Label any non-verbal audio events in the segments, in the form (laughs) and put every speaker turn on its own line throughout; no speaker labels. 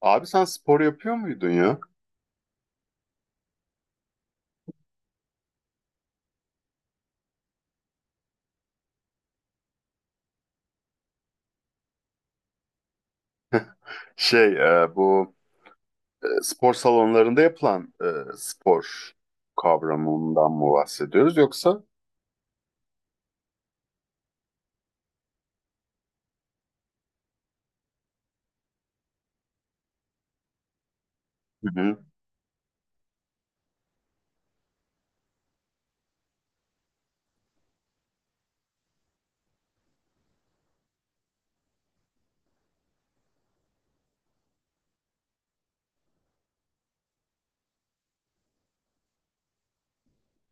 Abi sen spor yapıyor muydun ya? Şey bu spor salonlarında yapılan spor kavramından mı bahsediyoruz yoksa? Hı hı,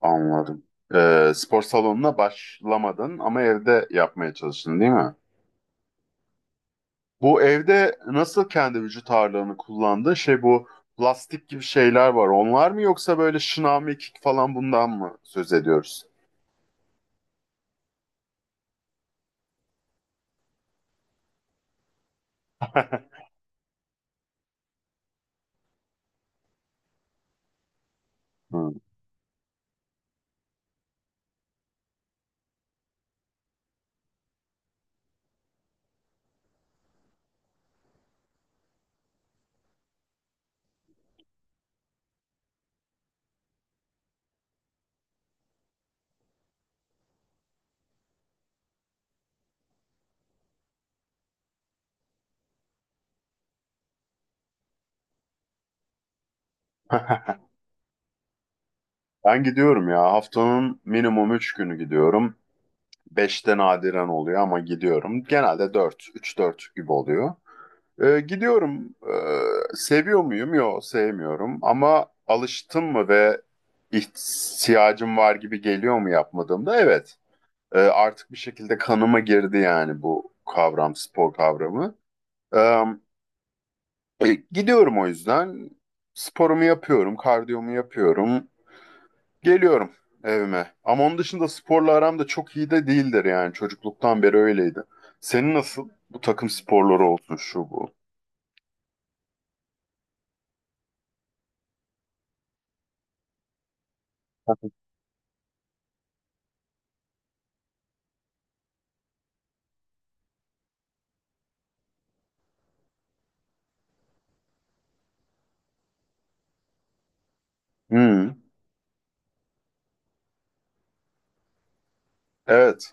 anladım. Spor salonuna başlamadın ama evde yapmaya çalıştın değil mi? Bu evde nasıl kendi vücut ağırlığını kullandın? Şey bu plastik gibi şeyler var. Onlar mı yoksa böyle şınav mekik falan bundan mı söz ediyoruz? (laughs) Hı. (laughs) Ben gidiyorum ya. Haftanın minimum 3 günü gidiyorum. Beşte nadiren oluyor ama gidiyorum. Genelde dört, üç dört gibi oluyor. Gidiyorum. Seviyor muyum? Yok, sevmiyorum. Ama alıştım mı ve ihtiyacım var gibi geliyor mu yapmadığımda? Evet. Artık bir şekilde kanıma girdi yani bu kavram, spor kavramı. Ee, gidiyorum o yüzden. Sporumu yapıyorum, kardiyomu yapıyorum. Geliyorum evime. Ama onun dışında sporla aram da çok iyi de değildir yani. Çocukluktan beri öyleydi. Senin nasıl? Bu takım sporları olsun şu bu. Hmm, evet.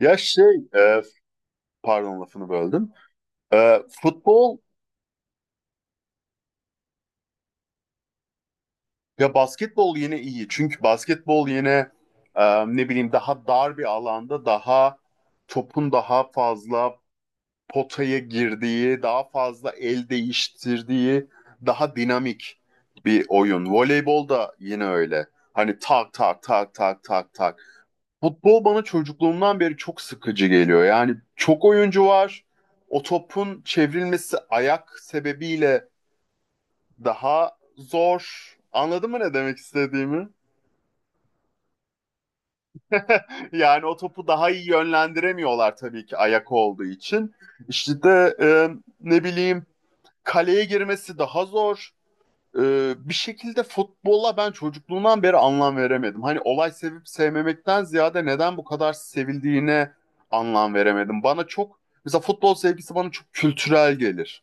Ya şey, pardon lafını böldüm. Futbol ya basketbol yine iyi. Çünkü basketbol yine ne bileyim daha dar bir alanda daha topun daha fazla potaya girdiği, daha fazla el değiştirdiği, daha dinamik bir oyun. Voleybol da yine öyle. Hani tak tak tak tak tak tak. Futbol bana çocukluğumdan beri çok sıkıcı geliyor. Yani çok oyuncu var. O topun çevrilmesi ayak sebebiyle daha zor. Anladın mı ne demek istediğimi? Yani o topu daha iyi yönlendiremiyorlar tabii ki ayak olduğu için. İşte de ne bileyim kaleye girmesi daha zor. Bir şekilde futbola ben çocukluğumdan beri anlam veremedim. Hani olay sevip sevmemekten ziyade neden bu kadar sevildiğine anlam veremedim. Bana çok mesela futbol sevgisi bana çok kültürel gelir.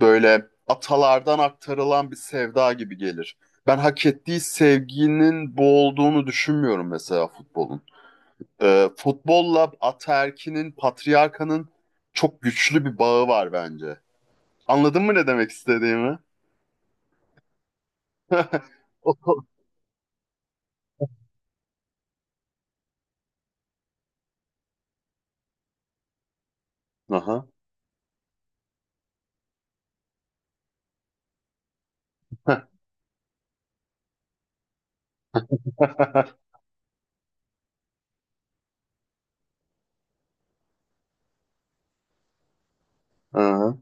Böyle atalardan aktarılan bir sevda gibi gelir. Ben hak ettiği sevginin bu olduğunu düşünmüyorum mesela futbolun. Futbolla ataerkinin, patriarkanın çok güçlü bir bağı var bence. Anladın mı ne demek istediğimi? (laughs) Aha. (laughs) Aha.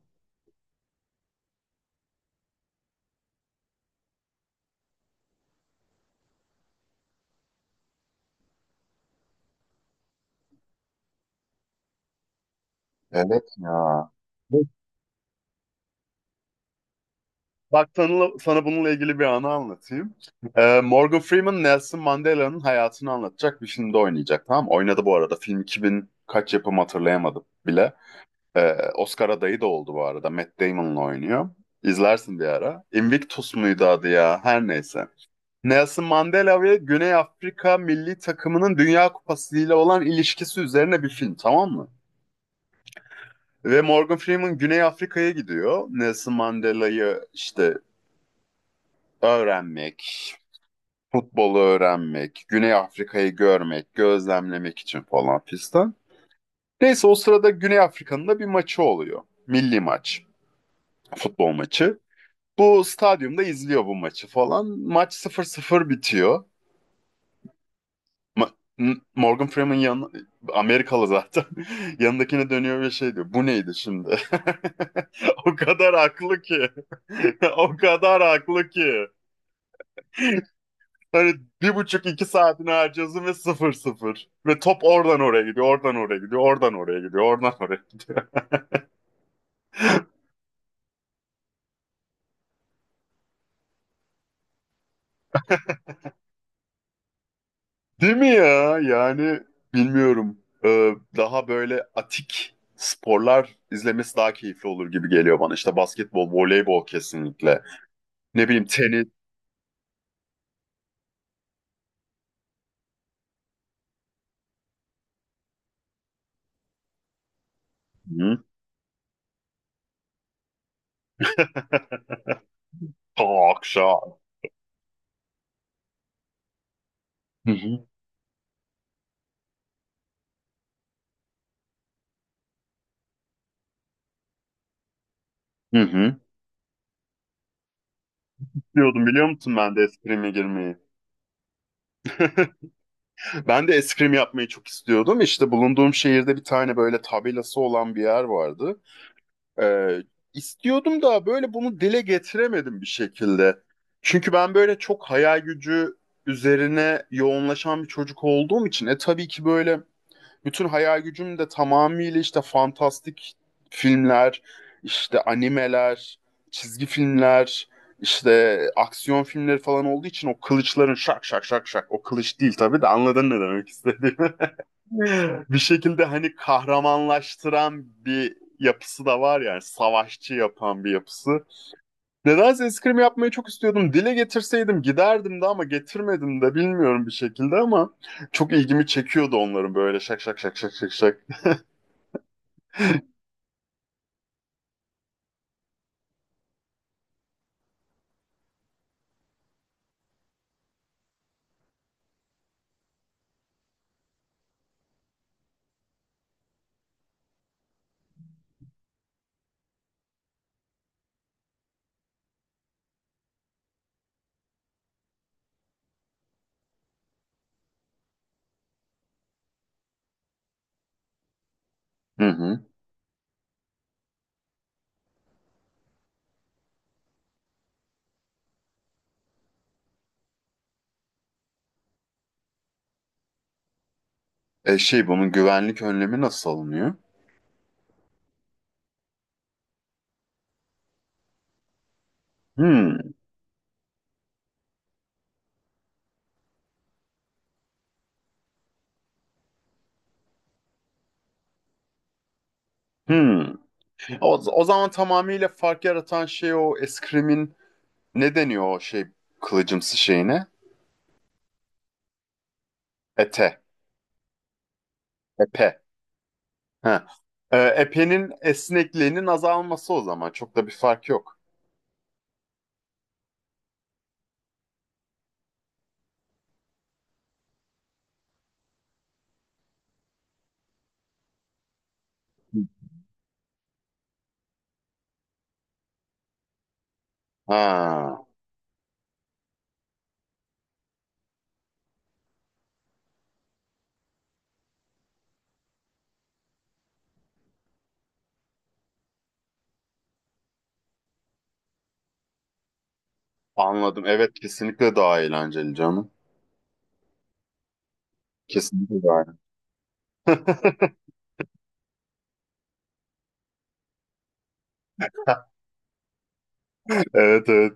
Evet ya. Bak sana bununla ilgili bir anı anlatayım. Morgan Freeman Nelson Mandela'nın hayatını anlatacak bir filmde oynayacak tamam mı? Oynadı bu arada. Film 2000 kaç yapım hatırlayamadım bile. Oscar adayı da oldu bu arada. Matt Damon'la oynuyor. İzlersin bir ara. Invictus muydu adı ya? Her neyse. Nelson Mandela ve Güney Afrika milli takımının Dünya Kupası ile olan ilişkisi üzerine bir film tamam mı? Ve Morgan Freeman Güney Afrika'ya gidiyor. Nelson Mandela'yı işte öğrenmek, futbolu öğrenmek, Güney Afrika'yı görmek, gözlemlemek için falan fistan. Neyse o sırada Güney Afrika'nın da bir maçı oluyor. Milli maç, futbol maçı. Bu stadyumda izliyor bu maçı falan. Maç 0-0 bitiyor. Ma- Morgan Freeman Amerikalı zaten. (laughs) Yanındakine dönüyor ve şey diyor. Bu neydi şimdi? (laughs) O kadar haklı ki. (laughs) O kadar haklı ki. Hani bir buçuk iki saatini harcıyorsun ve 0-0. Ve top oradan oraya gidiyor, oradan oraya gidiyor, oradan oraya gidiyor, oradan oraya gidiyor. (laughs) Değil mi ya? Yani bilmiyorum. Daha böyle atik sporlar izlemesi daha keyifli olur gibi geliyor bana. İşte basketbol, voleybol kesinlikle. Ne bileyim tenis. Hı? (laughs) Talk show. Hı hı. Hı hı. Diyordum biliyor musun ben de eskrime girmeyi. (laughs) Ben de eskrim yapmayı çok istiyordum. İşte bulunduğum şehirde bir tane böyle tabelası olan bir yer vardı. Ee, istiyordum da böyle bunu dile getiremedim bir şekilde. Çünkü ben böyle çok hayal gücü üzerine yoğunlaşan bir çocuk olduğum için tabii ki böyle bütün hayal gücüm de tamamıyla işte fantastik filmler, işte animeler, çizgi filmler, işte aksiyon filmleri falan olduğu için o kılıçların şak şak şak şak o kılıç değil tabii de anladın ne demek istediğimi. (laughs) Bir şekilde hani kahramanlaştıran bir yapısı da var yani savaşçı yapan bir yapısı. Nedense eskrim yapmayı çok istiyordum. Dile getirseydim giderdim de ama getirmedim de bilmiyorum bir şekilde ama çok ilgimi çekiyordu onların böyle şak şak şak şak şak şak. Hı hı. Şey bunun güvenlik önlemi nasıl alınıyor? Hmm, hmm. O zaman tamamıyla fark yaratan şey o eskrimin ne deniyor o şey kılıcımsı şeyine? Ete. Epe. Ha. Epenin esnekliğinin azalması o zaman. Çok da bir fark yok. Hı. Ha, anladım. Evet kesinlikle daha eğlenceli canım. Kesinlikle daha eğlenceli. (laughs) Evet, evet.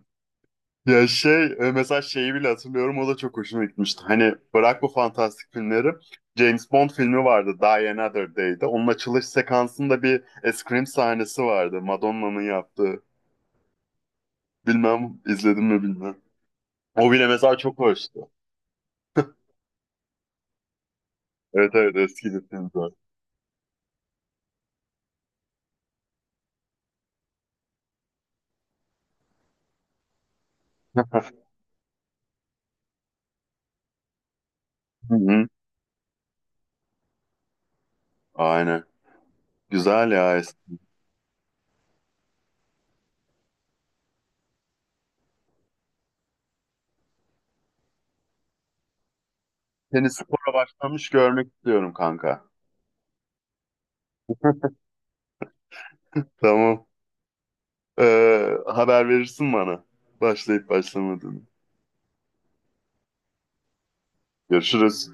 Ya şey mesela şeyi bile hatırlıyorum o da çok hoşuma gitmişti. Hani bırak bu fantastik filmleri. James Bond filmi vardı Die Another Day'de. Onun açılış sekansında bir scream sahnesi vardı. Madonna'nın yaptığı. Bilmem izledim mi bilmem. O bile mesela çok hoştu. Evet, evet, eski bir filmdi. O. Hı hı. Aynen. Güzel ya. Eski. Seni spora başlamış görmek istiyorum kanka. Tamam. Haber verirsin bana. Başlayıp başlamadığını. Görüşürüz.